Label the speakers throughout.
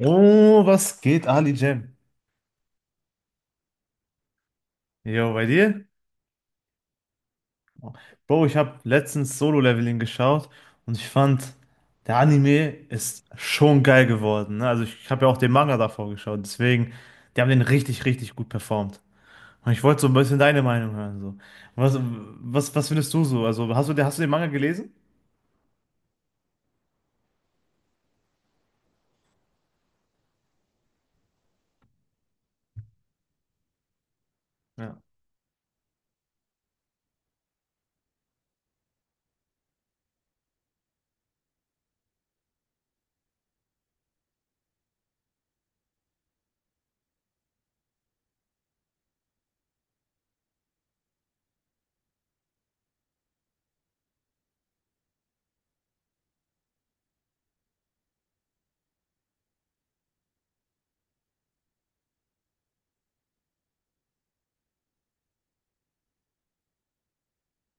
Speaker 1: Oh, was geht, Ali Jam? Jo, bei dir? Bro, ich habe letztens Solo-Leveling geschaut und ich fand, der Anime ist schon geil geworden. Ne? Also ich habe ja auch den Manga davor geschaut, deswegen, die haben den richtig, richtig gut performt. Und ich wollte so ein bisschen deine Meinung hören. So. Was findest du so? Also hast du den Manga gelesen? Ja.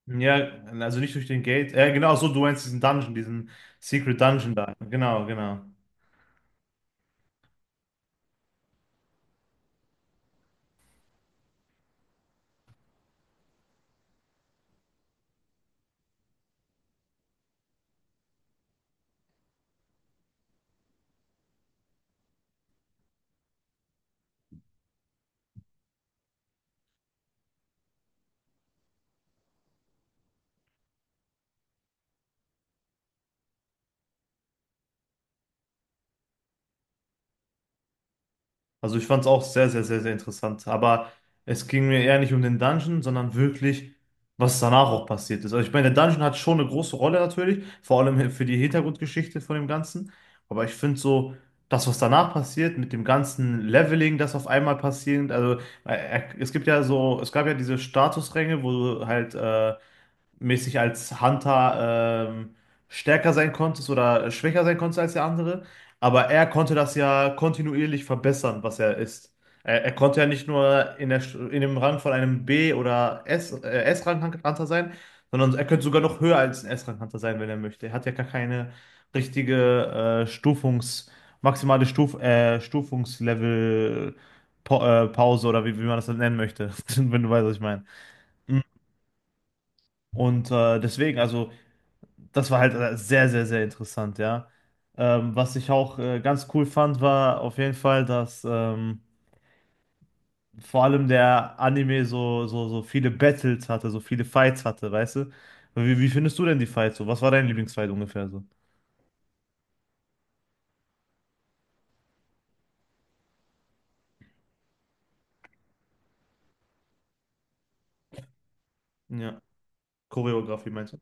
Speaker 1: Ja, also nicht durch den Gate. Ja, genau, so, du meinst diesen Dungeon, diesen Secret Dungeon da. Genau, genau. Also ich fand es auch sehr, sehr, sehr, sehr interessant. Aber es ging mir eher nicht um den Dungeon, sondern wirklich, was danach auch passiert ist. Also ich meine, der Dungeon hat schon eine große Rolle natürlich, vor allem für die Hintergrundgeschichte von dem Ganzen. Aber ich finde so, das, was danach passiert, mit dem ganzen Leveling, das auf einmal passiert, also es gibt ja so, es gab ja diese Statusränge, wo du halt mäßig als Hunter stärker sein konntest oder schwächer sein konntest als der andere. Aber er konnte das ja kontinuierlich verbessern, was er ist. Er konnte ja nicht nur in der, in dem Rang von einem B- oder S, S-Rang-Hunter sein, sondern er könnte sogar noch höher als ein S-Rang-Hunter sein, wenn er möchte. Er hat ja gar keine richtige Stufungs-, maximale Stufungslevel. Pause oder wie man das dann nennen möchte, wenn du weißt, was ich meine. Und deswegen, also das war halt sehr, sehr, sehr interessant, ja. Was ich auch ganz cool fand, war auf jeden Fall, dass vor allem der Anime so, so, so viele Battles hatte, so viele Fights hatte, weißt du? Wie findest du denn die Fights so? Was war dein Lieblingsfight ungefähr so? Ja, Choreografie meinst du?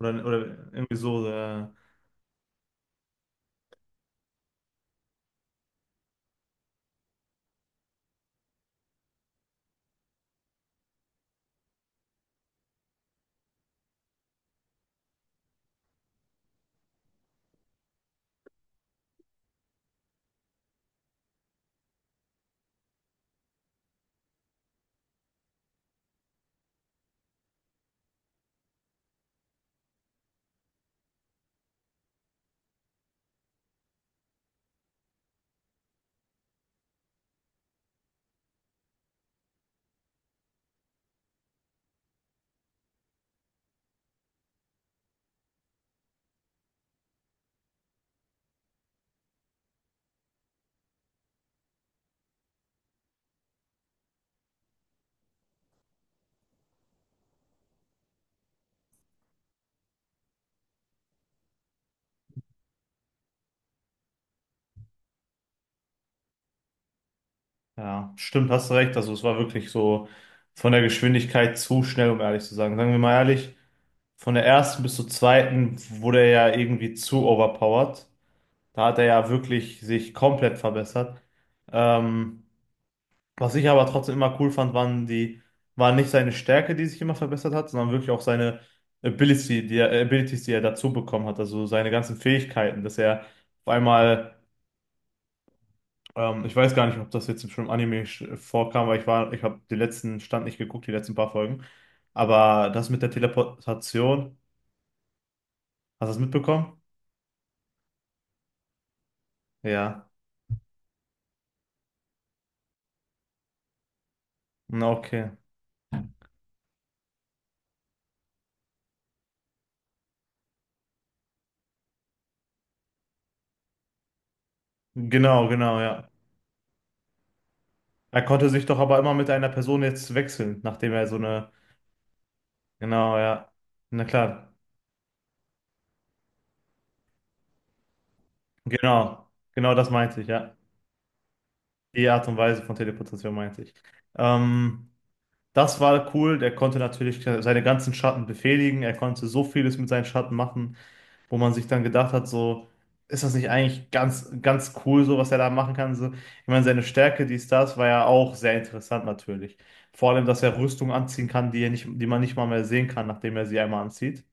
Speaker 1: Oder irgendwie so, ja, stimmt, hast du recht. Also es war wirklich so von der Geschwindigkeit zu schnell, um ehrlich zu sagen. Sagen wir mal ehrlich, von der ersten bis zur zweiten wurde er ja irgendwie zu overpowered. Da hat er ja wirklich sich komplett verbessert. Ähm, was ich aber trotzdem immer cool fand, waren die, war nicht seine Stärke, die sich immer verbessert hat, sondern wirklich auch seine Ability, die er, Abilities, die er dazu bekommen hat, also seine ganzen Fähigkeiten, dass er auf einmal, ich weiß gar nicht, ob das jetzt schon im Anime vorkam, weil ich war, ich habe den letzten Stand nicht geguckt, die letzten paar Folgen, aber das mit der Teleportation, hast du das mitbekommen? Ja. Na, okay. Genau, genau, ja. Er konnte sich doch aber immer mit einer Person jetzt wechseln, nachdem er so eine. Genau, ja. Na klar. Genau. Genau das meinte ich, ja. Die Art und Weise von Teleportation meinte ich. Ähm, das war cool. Der konnte natürlich seine ganzen Schatten befehligen. Er konnte so vieles mit seinen Schatten machen, wo man sich dann gedacht hat, so, ist das nicht eigentlich ganz, ganz cool, so was er da machen kann? So, ich meine, seine Stärke, die ist das war ja auch sehr interessant natürlich. Vor allem, dass er Rüstung anziehen kann, die er nicht, die man nicht mal mehr sehen kann, nachdem er sie einmal anzieht.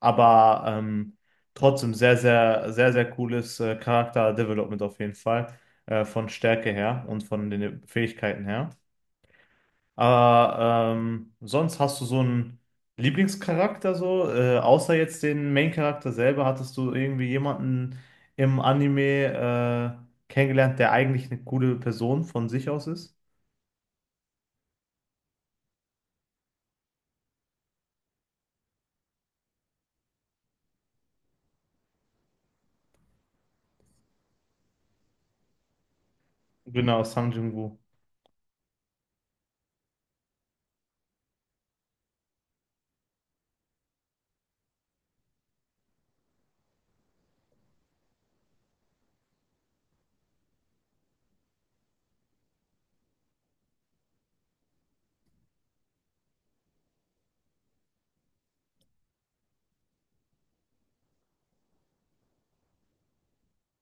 Speaker 1: Aber trotzdem sehr, sehr, sehr, sehr cooles Charakter-Development auf jeden Fall. Von Stärke her und von den Fähigkeiten her. Aber sonst hast du so einen Lieblingscharakter so? Außer jetzt den Main-Charakter selber, hattest du irgendwie jemanden im Anime kennengelernt, der eigentlich eine coole Person von sich aus ist? Genau, Sang Jin-woo.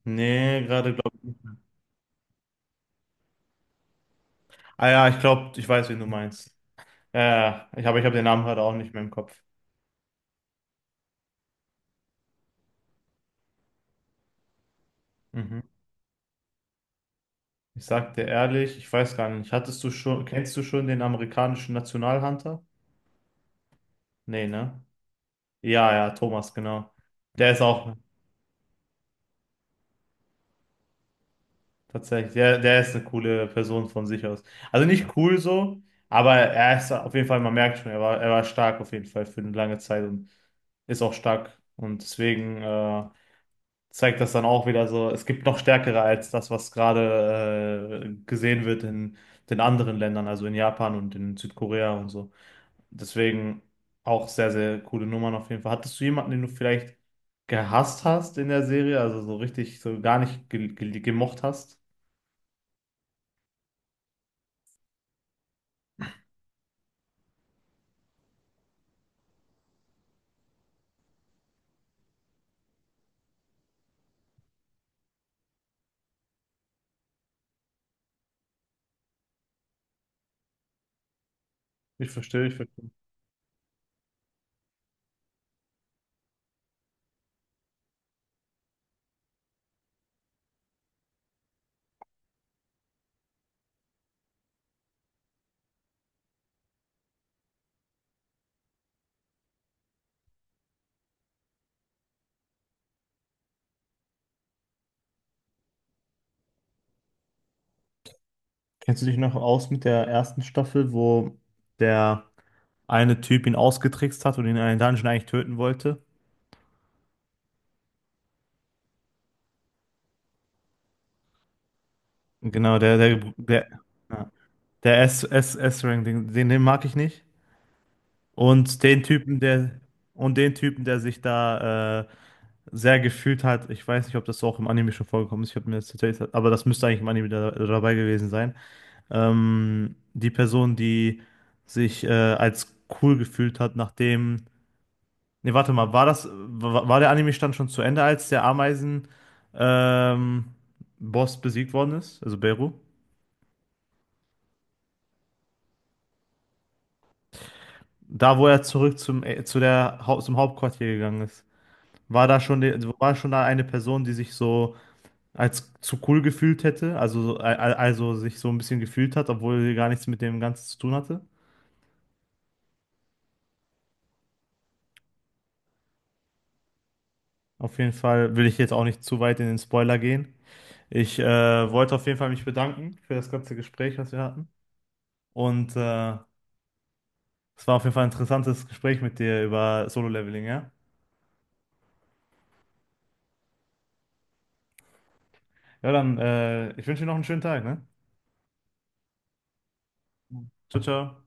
Speaker 1: Nee, gerade glaube ich. Ah ja, ich glaube, ich weiß, wen du meinst. Ja, ja, ich hab den Namen gerade auch nicht mehr im Kopf. Mhm. Ich sag dir ehrlich, ich weiß gar nicht, hattest du schon, kennst du schon den amerikanischen Nationalhunter? Nee, ne? Ja, ja, Thomas, genau. Der ist auch tatsächlich, der ist eine coole Person von sich aus. Also nicht cool so, aber er ist auf jeden Fall, man merkt schon, er war stark auf jeden Fall für eine lange Zeit und ist auch stark. Und deswegen zeigt das dann auch wieder so, es gibt noch stärkere als das, was gerade gesehen wird in den anderen Ländern, also in Japan und in Südkorea und so. Deswegen auch sehr, sehr coole Nummern auf jeden Fall. Hattest du jemanden, den du vielleicht gehasst hast in der Serie, also so richtig, so gar nicht ge ge gemocht hast? Ich verstehe, ich verstehe. Kennst du dich noch aus mit der ersten Staffel, wo der eine Typ ihn ausgetrickst hat und ihn in einen Dungeon eigentlich töten wollte? Genau, ja, der S-Ring, den mag ich nicht. Und den Typen, und den Typen, der sich da sehr gefühlt hat. Ich weiß nicht, ob das auch im Anime schon vorgekommen ist. Ich habe mir das tatsächlich, aber das müsste eigentlich im Anime da, dabei gewesen sein. Die Person, die sich als cool gefühlt hat, nachdem. Ne, warte mal, war der Anime-Stand schon zu Ende, als der Ameisen ähm, Boss besiegt worden ist, also Beru? Da, wo er zurück zum, zum Hauptquartier gegangen ist. War da schon, die, war schon da eine Person, die sich so als zu cool gefühlt hätte, also, also sich so ein bisschen gefühlt hat, obwohl sie gar nichts mit dem Ganzen zu tun hatte. Auf jeden Fall will ich jetzt auch nicht zu weit in den Spoiler gehen. Ich wollte auf jeden Fall mich bedanken für das ganze Gespräch, was wir hatten. Und es war auf jeden Fall ein interessantes Gespräch mit dir über Solo-Leveling, ja? Ja, dann, ich wünsche dir noch einen schönen Tag, ne? Ciao, ciao.